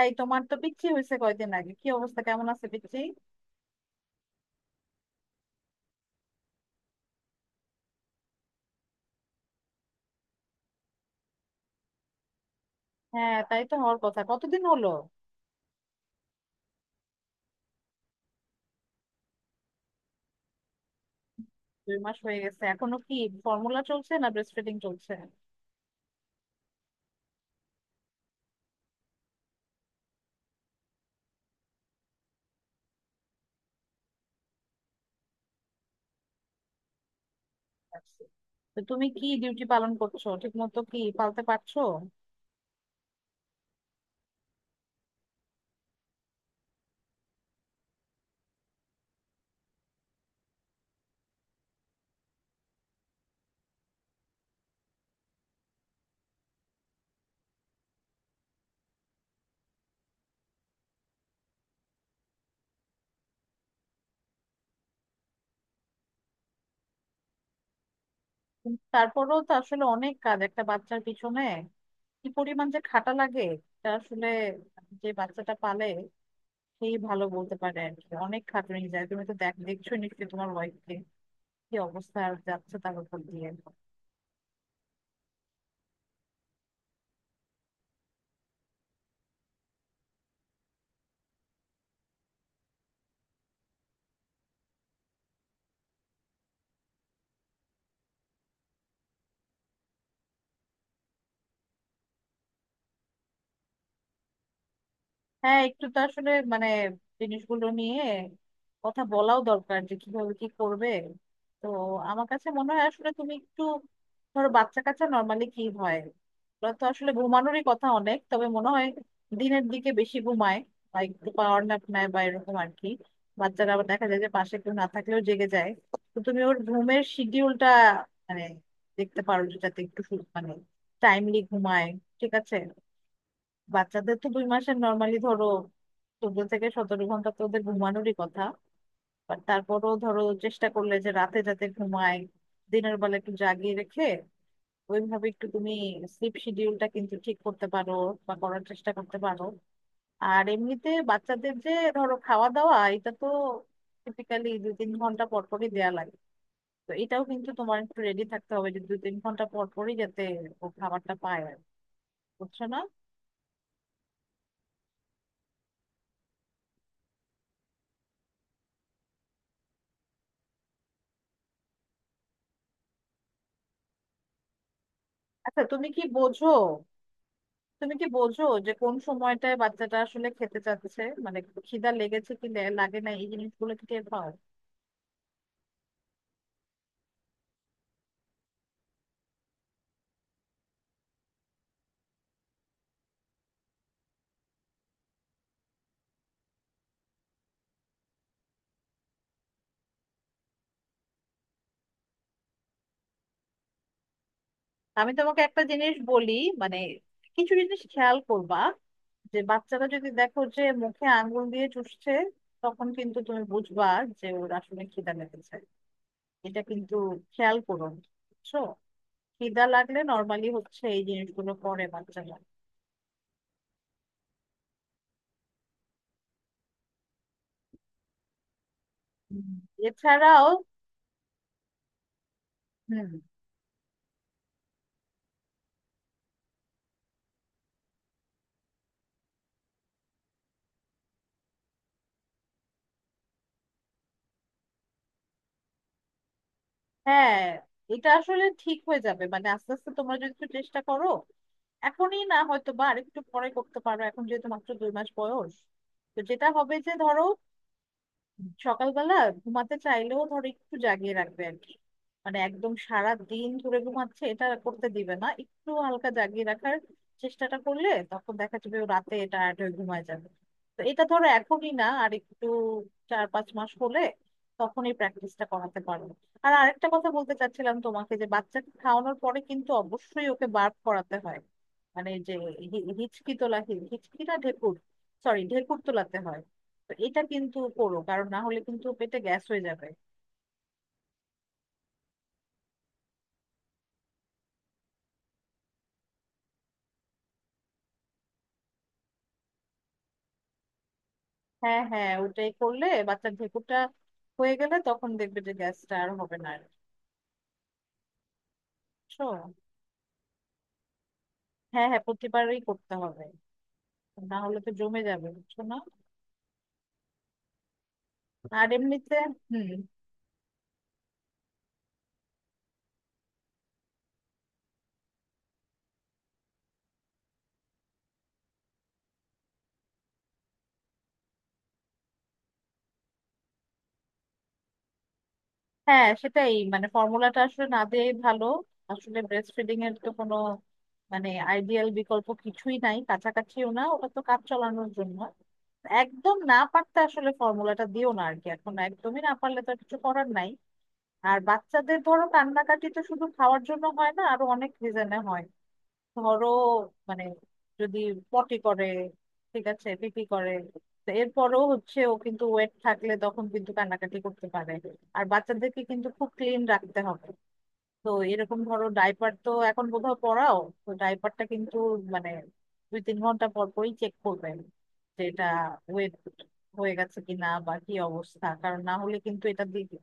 এই, তোমার তো পিচ্ছি হয়েছে কয়দিন আগে। কি অবস্থা, কেমন আছে পিচ্ছি? হ্যাঁ, তাই তো হওয়ার কথা। কতদিন হলো? দুই মাস হয়ে গেছে? এখনো কি ফর্মুলা চলছে না ব্রেস্ট ফিডিং চলছে? আচ্ছা। তো তুমি কি ডিউটি পালন করছো ঠিক মতো? কি পালতে পারছো? কিন্তু তারপরেও তো আসলে অনেক কাজ একটা বাচ্চার পিছনে। কি পরিমাণ যে খাটা লাগে তা আসলে যে বাচ্চাটা পালে সেই ভালো বলতে পারে আর কি। অনেক খাটুনি যায়, তুমি তো দেখছো নিশ্চয়ই তোমার ওয়াইফকে, কি অবস্থা আর যাচ্ছে তার উপর দিয়ে। হ্যাঁ, একটু তো আসলে জিনিসগুলো নিয়ে কথা বলাও দরকার যে কিভাবে কি করবে। তো আমার কাছে মনে হয় আসলে তুমি একটু, ধরো বাচ্চা কাচ্চা নর্মালি কি হয়, ওরা তো আসলে ঘুমানোরই কথা অনেক, তবে মনে হয় দিনের দিকে বেশি ঘুমায় বা একটু পাওয়ার ন্যাপ নেয় বা এরকম আর কি। বাচ্চারা আবার দেখা যায় যে পাশে কেউ না থাকলেও জেগে যায়। তো তুমি ওর ঘুমের শিডিউলটা মানে দেখতে পারো, যেটাতে একটু সু- মানে টাইমলি ঘুমায়, ঠিক আছে। বাচ্চাদের তো দুই মাসের নর্মালি ধরো 14 থেকে 17 ঘন্টা তো ওদের ঘুমানোরই কথা। বাট তারপরেও ধরো চেষ্টা করলে যে রাতে যাতে ঘুমায়, দিনের বেলা একটু জাগিয়ে রেখে ওইভাবে একটু তুমি স্লিপ শিডিউলটা কিন্তু ঠিক করতে পারো বা করার চেষ্টা করতে পারো। আর এমনিতে বাচ্চাদের যে ধরো খাওয়া দাওয়া, এটা তো টিপিক্যালি 2-3 ঘন্টা পর পরই দেয়া লাগে। তো এটাও কিন্তু তোমার একটু রেডি থাকতে হবে যে 2-3 ঘন্টা পর পরই যাতে ও খাবারটা পায় আর কি। বুঝছো না? আচ্ছা, তুমি কি বোঝো, তুমি কি বোঝো যে কোন সময়টায় বাচ্চাটা আসলে খেতে চাচ্ছে, খিদা লেগেছে কি লাগে না, এই জিনিসগুলো কি টের পাও? আমি তোমাকে একটা জিনিস বলি, মানে কিছু জিনিস খেয়াল করবা যে বাচ্চারা যদি দেখো যে মুখে আঙ্গুল দিয়ে চুষছে, তখন কিন্তু তুমি বুঝবা যে ওর আসলে খিদা লেগেছে। এটা কিন্তু খেয়াল করো, বুঝছো? খিদা লাগলে নর্মালি হচ্ছে এই জিনিসগুলো করে বাচ্চারা। হুম। এছাড়াও হুম। হ্যাঁ, এটা আসলে ঠিক হয়ে যাবে, মানে আস্তে আস্তে তোমরা যদি একটু চেষ্টা করো। এখনই না হয়তো, বা আরেকটু পরে করতে পারো এখন যেহেতু মাত্র 2 মাস বয়স। তো যেটা হবে যে ধরো সকালবেলা ঘুমাতে চাইলেও ধর একটু জাগিয়ে রাখবে আর কি। মানে একদম সারা দিন ধরে ঘুমাচ্ছে, এটা করতে দিবে না। একটু হালকা জাগিয়ে রাখার চেষ্টাটা করলে তখন দেখা যাবে ও রাতে টায়ার্ড হয়ে ঘুমায় যাবে। তো এটা ধরো এখনই না, আর একটু 4-5 মাস হলে তখনই প্র্যাকটিসটা করাতে পারবো। আর আরেকটা কথা বলতে চাচ্ছিলাম তোমাকে, যে বাচ্চাকে খাওয়ানোর পরে কিন্তু অবশ্যই ওকে বার্প করাতে হয়। মানে যে হি- হিচকি তোলা হি- হিচকি না, ঢেকুর। সরি, ঢেকুর তোলাতে হয়। তো এটা কিন্তু করো, কারণ না হলে কিন্তু পেটে গ্যাস হয়ে যাবে। হ্যাঁ হ্যাঁ, ওটাই করলে বাচ্চার ঢেকুরটা হয়ে গেলে তখন দেখবে যে গ্যাসটা আর হবে না আর। বুঝছো? হ্যাঁ হ্যাঁ, প্রতিবারই করতে হবে, না হলে তো জমে যাবে, বুঝছো না? আর এমনিতে হুম। হ্যাঁ সেটাই, মানে ফর্মুলাটা আসলে না দেয়াই ভালো। আসলে ব্রেস্ট ফিডিং এর তো কোনো মানে আইডিয়াল বিকল্প কিছুই নাই, কাছাকাছিও না। ওটা তো কাজ চালানোর জন্য, একদম না পারতে আসলে ফর্মুলাটা দিও না আর কি। এখন একদমই না পারলে তো আর কিছু করার নাই। আর বাচ্চাদের ধরো কান্নাকাটি তো শুধু খাওয়ার জন্য হয় না, আরো অনেক রিজনে হয়। ধরো মানে যদি পটি করে, ঠিক আছে, পিপি করে, তো এরপরও হচ্ছে ও কিন্তু ওয়েট থাকলে তখন কিন্তু কান্নাকাটি করতে পারে। আর বাচ্চাদেরকে কিন্তু খুব ক্লিন রাখতে হবে। তো এরকম ধরো ডাইপার তো এখন কোথাও পড়াও, তো ডাইপারটা কিন্তু মানে 2-3 ঘন্টা পর পরই চেক করবেন যে এটা ওয়েট হয়ে গেছে কিনা বা কি অবস্থা। কারণ না হলে কিন্তু এটা দিয়ে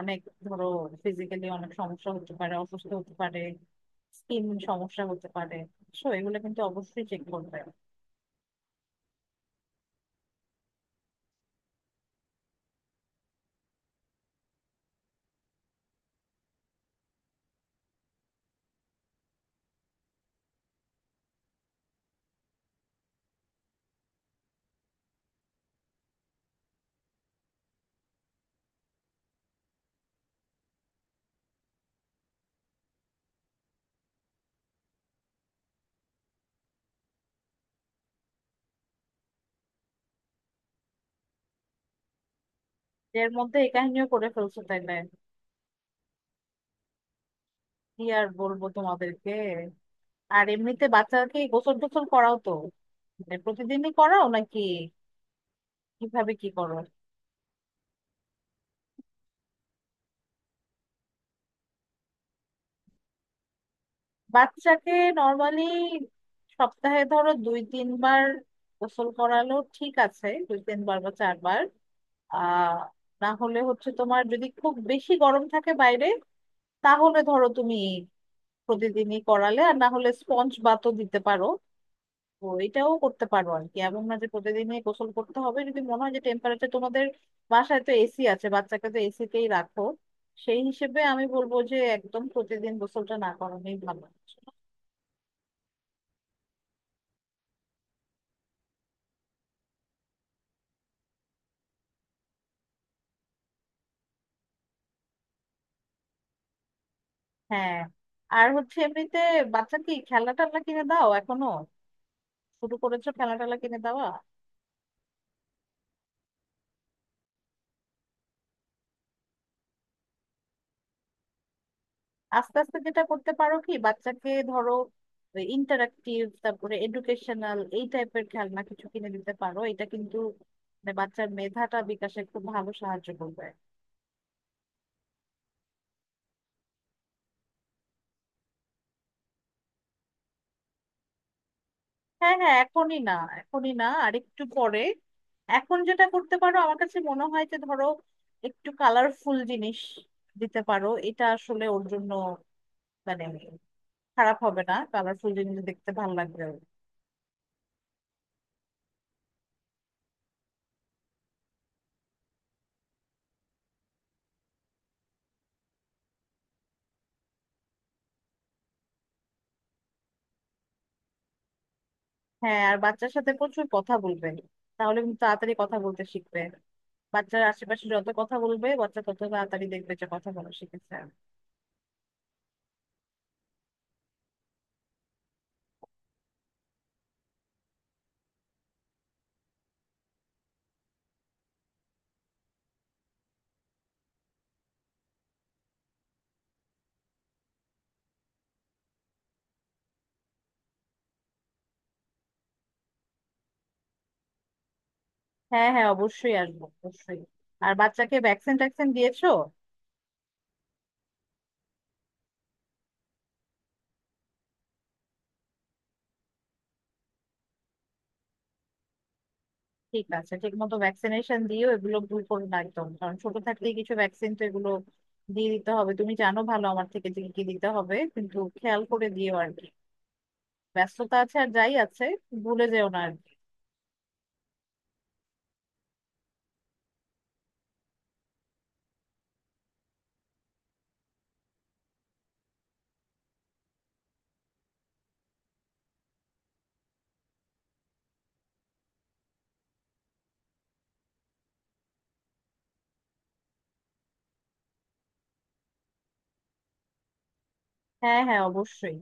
অনেক, ধরো, ফিজিক্যালি অনেক সমস্যা হতে পারে, অসুস্থ হতে পারে, স্কিন সমস্যা হতে পারে। সো এগুলো কিন্তু অবশ্যই চেক করবে। এর মধ্যে এই কাহিনীও করে ফেলছো তাইলে? কি আর বলবো তোমাদেরকে। আর এমনিতে বাচ্চাকে গোসল টোসল করাও তো? মানে প্রতিদিনই করাও নাকি, কিভাবে কি করো? বাচ্চাকে নর্মালি সপ্তাহে ধরো 2-3 বার গোসল করালো ঠিক আছে, 2-3 বার বা চারবার। আহ না হলে হচ্ছে তোমার যদি খুব বেশি গরম থাকে বাইরে, তাহলে ধরো তুমি প্রতিদিনই করালে, আর না হলে স্পঞ্জ বাতও দিতে পারো। তো এটাও করতে পারো আর কি, এমন না যে প্রতিদিনই গোসল করতে হবে। যদি মনে হয় যে টেম্পারেচার তোমাদের, বাসায় তো এসি আছে, বাচ্চাকে তো এসিতেই রাখো, সেই হিসেবে আমি বলবো যে একদম প্রতিদিন গোসলটা না করানোই ভালো। হ্যাঁ। আর হচ্ছে এমনিতে বাচ্চা কি খেলনা টেলনা কিনে দাও এখনো? শুরু করেছো খেলনা টেলনা কিনে দেওয়া? আস্তে আস্তে যেটা করতে পারো কি, বাচ্চাকে ধরো ইন্টারাক্টিভ, তারপরে এডুকেশনাল এই টাইপের খেলনা কিছু কিনে দিতে পারো। এটা কিন্তু মানে বাচ্চার মেধাটা বিকাশে খুব ভালো সাহায্য করবে। হ্যাঁ হ্যাঁ, এখনই না। এখনই না, আর একটু পরে। এখন যেটা করতে পারো, আমার কাছে মনে হয় যে ধরো একটু কালারফুল জিনিস দিতে পারো। এটা আসলে ওর জন্য মানে খারাপ হবে না, কালারফুল জিনিস দেখতে ভালো লাগবে ওর। হ্যাঁ, আর বাচ্চার সাথে প্রচুর কথা বলবে, তাহলে কিন্তু তাড়াতাড়ি কথা বলতে শিখবে। বাচ্চার আশেপাশে যত কথা বলবে বাচ্চা তত তাড়াতাড়ি দেখবে যে কথা বলা শিখেছে। হ্যাঁ হ্যাঁ, অবশ্যই আসবো, অবশ্যই। আর বাচ্চাকে ভ্যাকসিন ট্যাকসিন দিয়েছো? ঠিক আছে, ঠিক মতো ভ্যাকসিনেশন দিও, এগুলো ভুল করো না একদম। কারণ ছোট থাকতেই কিছু ভ্যাকসিন তো এগুলো দিয়ে দিতে হবে। তুমি জানো ভালো আমার থেকে যে কি কি দিতে হবে, কিন্তু খেয়াল করে দিও আর কি। ব্যস্ততা আছে আর যাই আছে, ভুলে যেও না আর কি। হ্যাঁ হ্যাঁ, অবশ্যই।